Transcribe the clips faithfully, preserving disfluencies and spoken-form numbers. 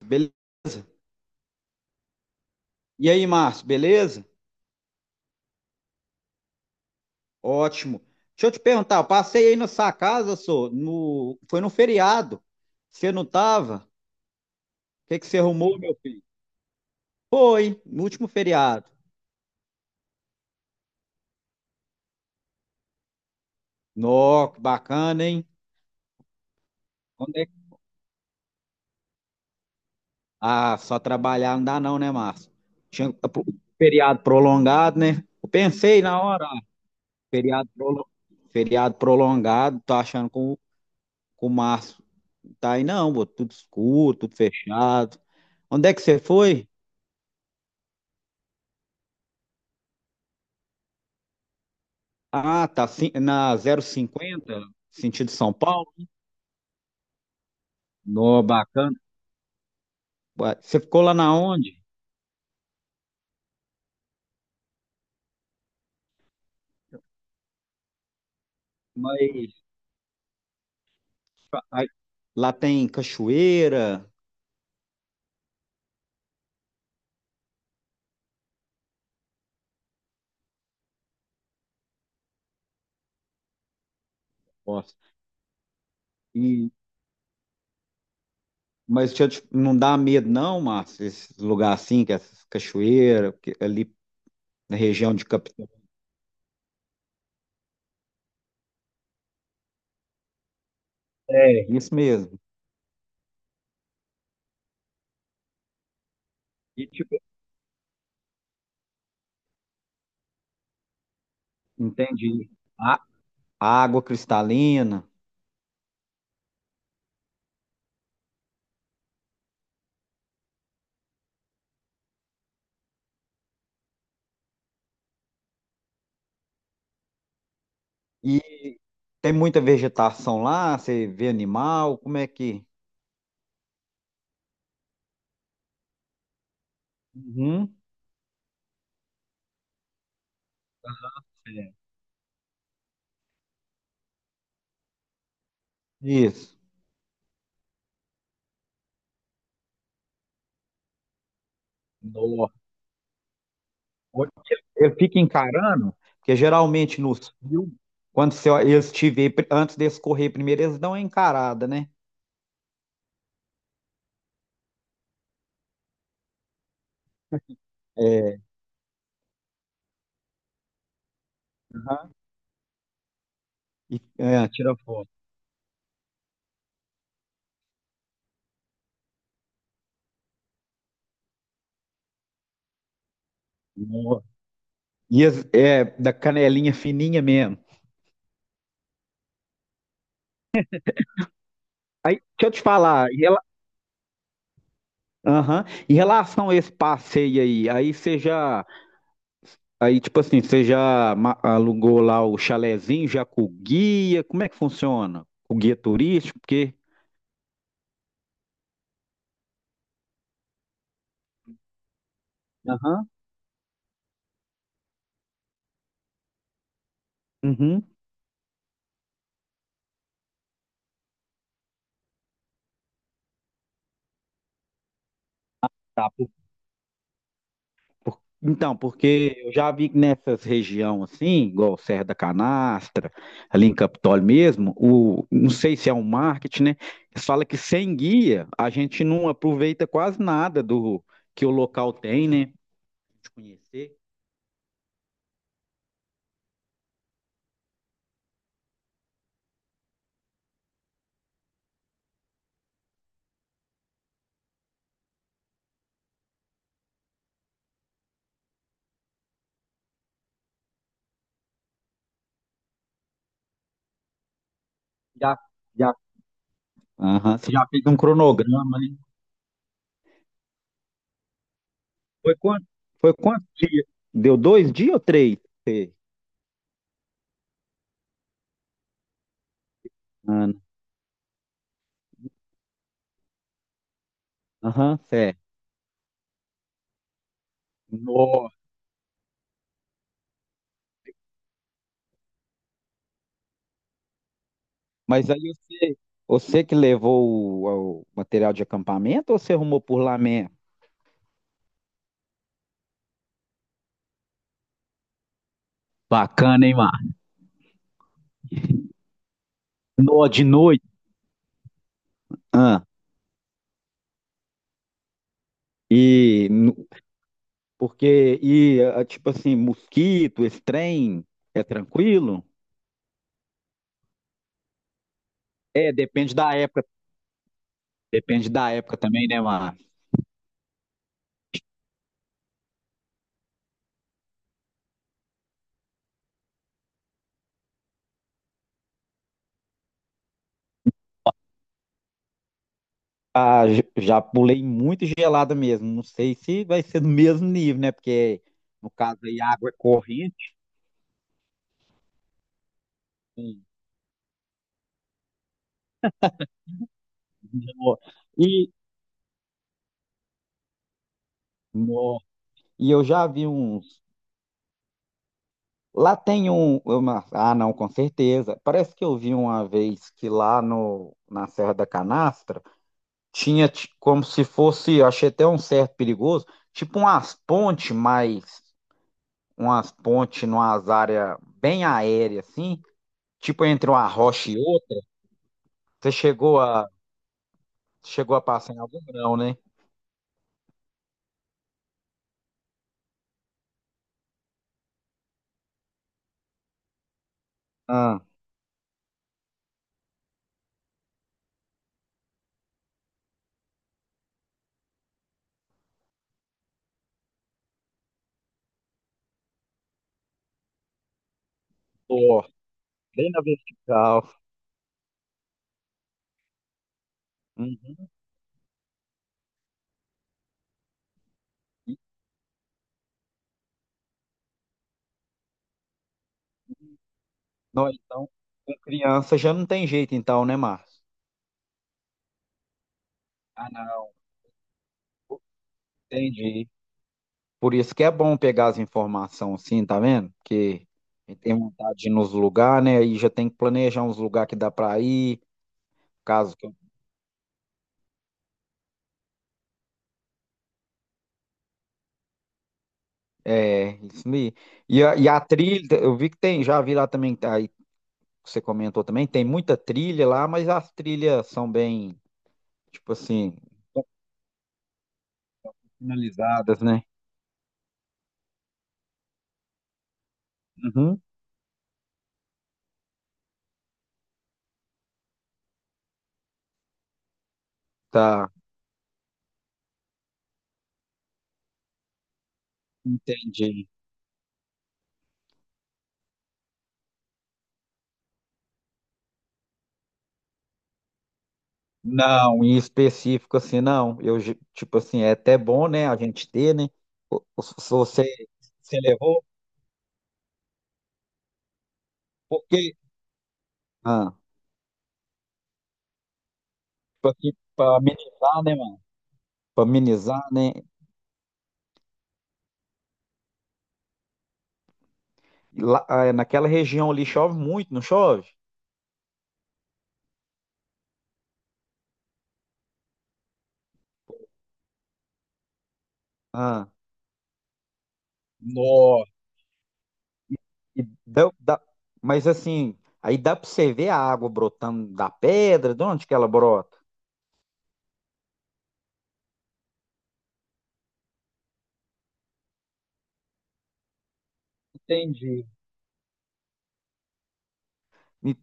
Beleza. E aí, Márcio, beleza? Ótimo. Deixa eu te perguntar, eu passei aí na sua casa, só, no... foi no feriado. Você não tava? O que que você arrumou, meu filho? Foi, no último feriado. Nó, que bacana, hein? Onde é que- Ah, só trabalhar não dá não, né, Márcio? Tinha pro- feriado prolongado, né? Eu pensei na hora, ah, feriado, prolo- feriado prolongado, tô achando que o que o Márcio tá aí não, pô, tudo escuro, tudo fechado. Onde é que você foi? Ah, tá. Sim, na zero cinquenta sentido São Paulo. No, bacana. Ué, você ficou lá na onde? Mas aí, lá tem cachoeira. Nossa. E, mas deixa eu te- não dá medo, não, Márcio, esses lugares assim, que essas cachoeiras, porque ali na região de capital. É, isso mesmo. E, tipo, entendi. A, a água cristalina. E tem muita vegetação lá, você vê animal, como é que. Uhum. Isso. No- onde Ele fica encarando, porque geralmente nos filmes, quando você, eles te vê, pri- antes deles correr primeiro, eles dão uma encarada, né? É, aham, e, é, tira foto. No- E eles- é, da canelinha fininha mesmo. Deixa eu te falar, e ela, aham, em relação a esse passeio aí, aí você já, aí tipo assim, você já ma- alugou lá o chalezinho, já com o guia, como é que funciona? O guia turístico, porque... Aham, uhum. Por- Então, porque eu já vi que nessas regiões assim, igual Serra da Canastra, ali em Capitólio mesmo, o, não sei se é um marketing, né? Eles falam que sem guia a gente não aproveita quase nada do que o local tem, né? De conhecer. Já, já. Aham, você já fez um cronograma, né? Foi quanto? Foi quantos dias? Deu dois dias ou três? Sei. Ana? Aham, certo. Mas aí você, você que levou o, o material de acampamento ou você arrumou por lá mesmo? Bacana, hein, Mar? No, de noite. Ah, e no- porque e ah, ah, tipo assim, mosquito, esse trem é tranquilo? É, depende da época. Depende da época também, né, Mar? Ah, j- já pulei muito gelada mesmo. Não sei se vai ser do mesmo nível, né? Porque no caso aí a água é corrente. Hum. Nó. E, no, E eu já vi uns. Lá tem um, uma- ah, não, com certeza. Parece que eu vi uma vez que lá no, na Serra da Canastra tinha ti- como se fosse, eu achei até um certo perigoso, tipo umas pontes, mas umas pontes numas áreas bem aéreas, assim, tipo entre uma rocha e outra. Você chegou a, chegou a passar em algum grão, né? Ah, pô, bem na vertical. Uhum. Não, então, com criança já não tem jeito, então, né, Márcio? Ah, não, entendi. Por isso que é bom pegar as informações assim, tá vendo? Porque a gente tem vontade de ir nos lugares, né? Aí já tem que planejar uns lugares que dá pra ir, caso que eu... É, isso aí. E a, e a trilha, eu vi que tem, já vi lá também, tá, aí que você comentou também, tem muita trilha lá, mas as trilhas são bem, tipo assim, finalizadas, né? Uhum. Tá, entendi. Não, em específico assim, não. Eu, ge- tipo assim, é até bom, né, a gente ter, né? O- o- se você, você levou, porque ah, tipo aqui pra amenizar, né, mano? Pra amenizar, né? Lá, ah, naquela região ali chove muito, não chove? Ah. Nó. E dá, dá- mas assim, aí dá pra você ver a água brotando da pedra, de onde que ela brota? Entendi. E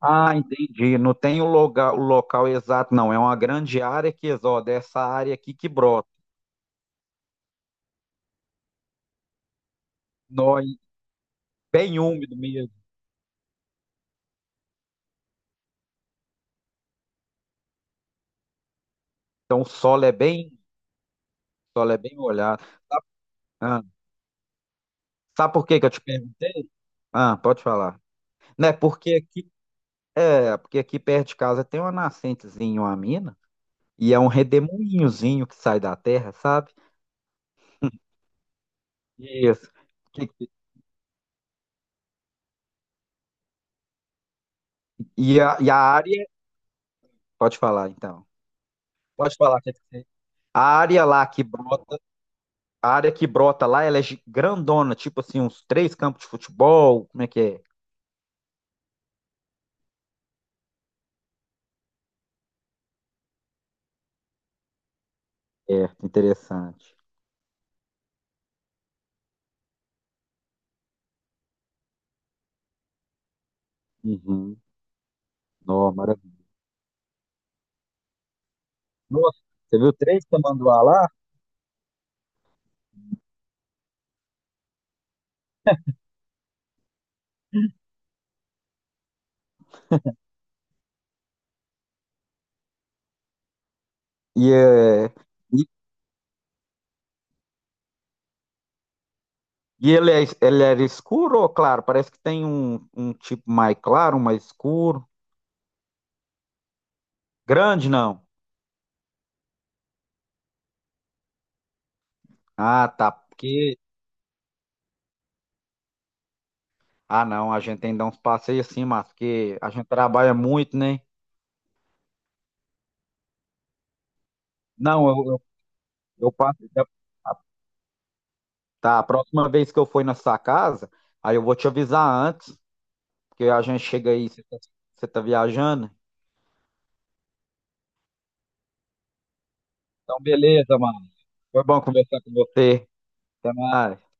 ah, entendi. Não tem o local, o local exato, não. É uma grande área que, ó, dessa área aqui que brota. Nó, e bem úmido mesmo. Então o solo é bem, o solo é bem molhado. Ah, sabe por que que eu te perguntei? Ah, pode falar. Né? Porque aqui, é, porque aqui perto de casa tem uma nascentezinha, uma mina, e é um redemoinhozinho que sai da terra, sabe? Isso. Que- e a, e a área. Pode falar, então. Pode falar, quer dizer, A área lá que brota, a área que brota lá, ela é gi- grandona, tipo assim, uns três campos de futebol. Como é que é? É, interessante. Uhum. Nó, maravilha. Nossa, você viu três tamanduá lá? E, é, e ele, é, ele era escuro ou claro? Parece que tem um, um tipo mais claro, um mais escuro. Grande, não. Ah, tá. Porque. Ah, não, a gente tem que dar uns passeios assim, mas porque a gente trabalha muito, né? Não, eu, eu, eu passo. Tá, a próxima vez que eu for na sua casa, aí eu vou te avisar antes, porque a gente chega aí, você tá, você tá viajando. Então, beleza, mano. Foi bom conversar com você. Até mais.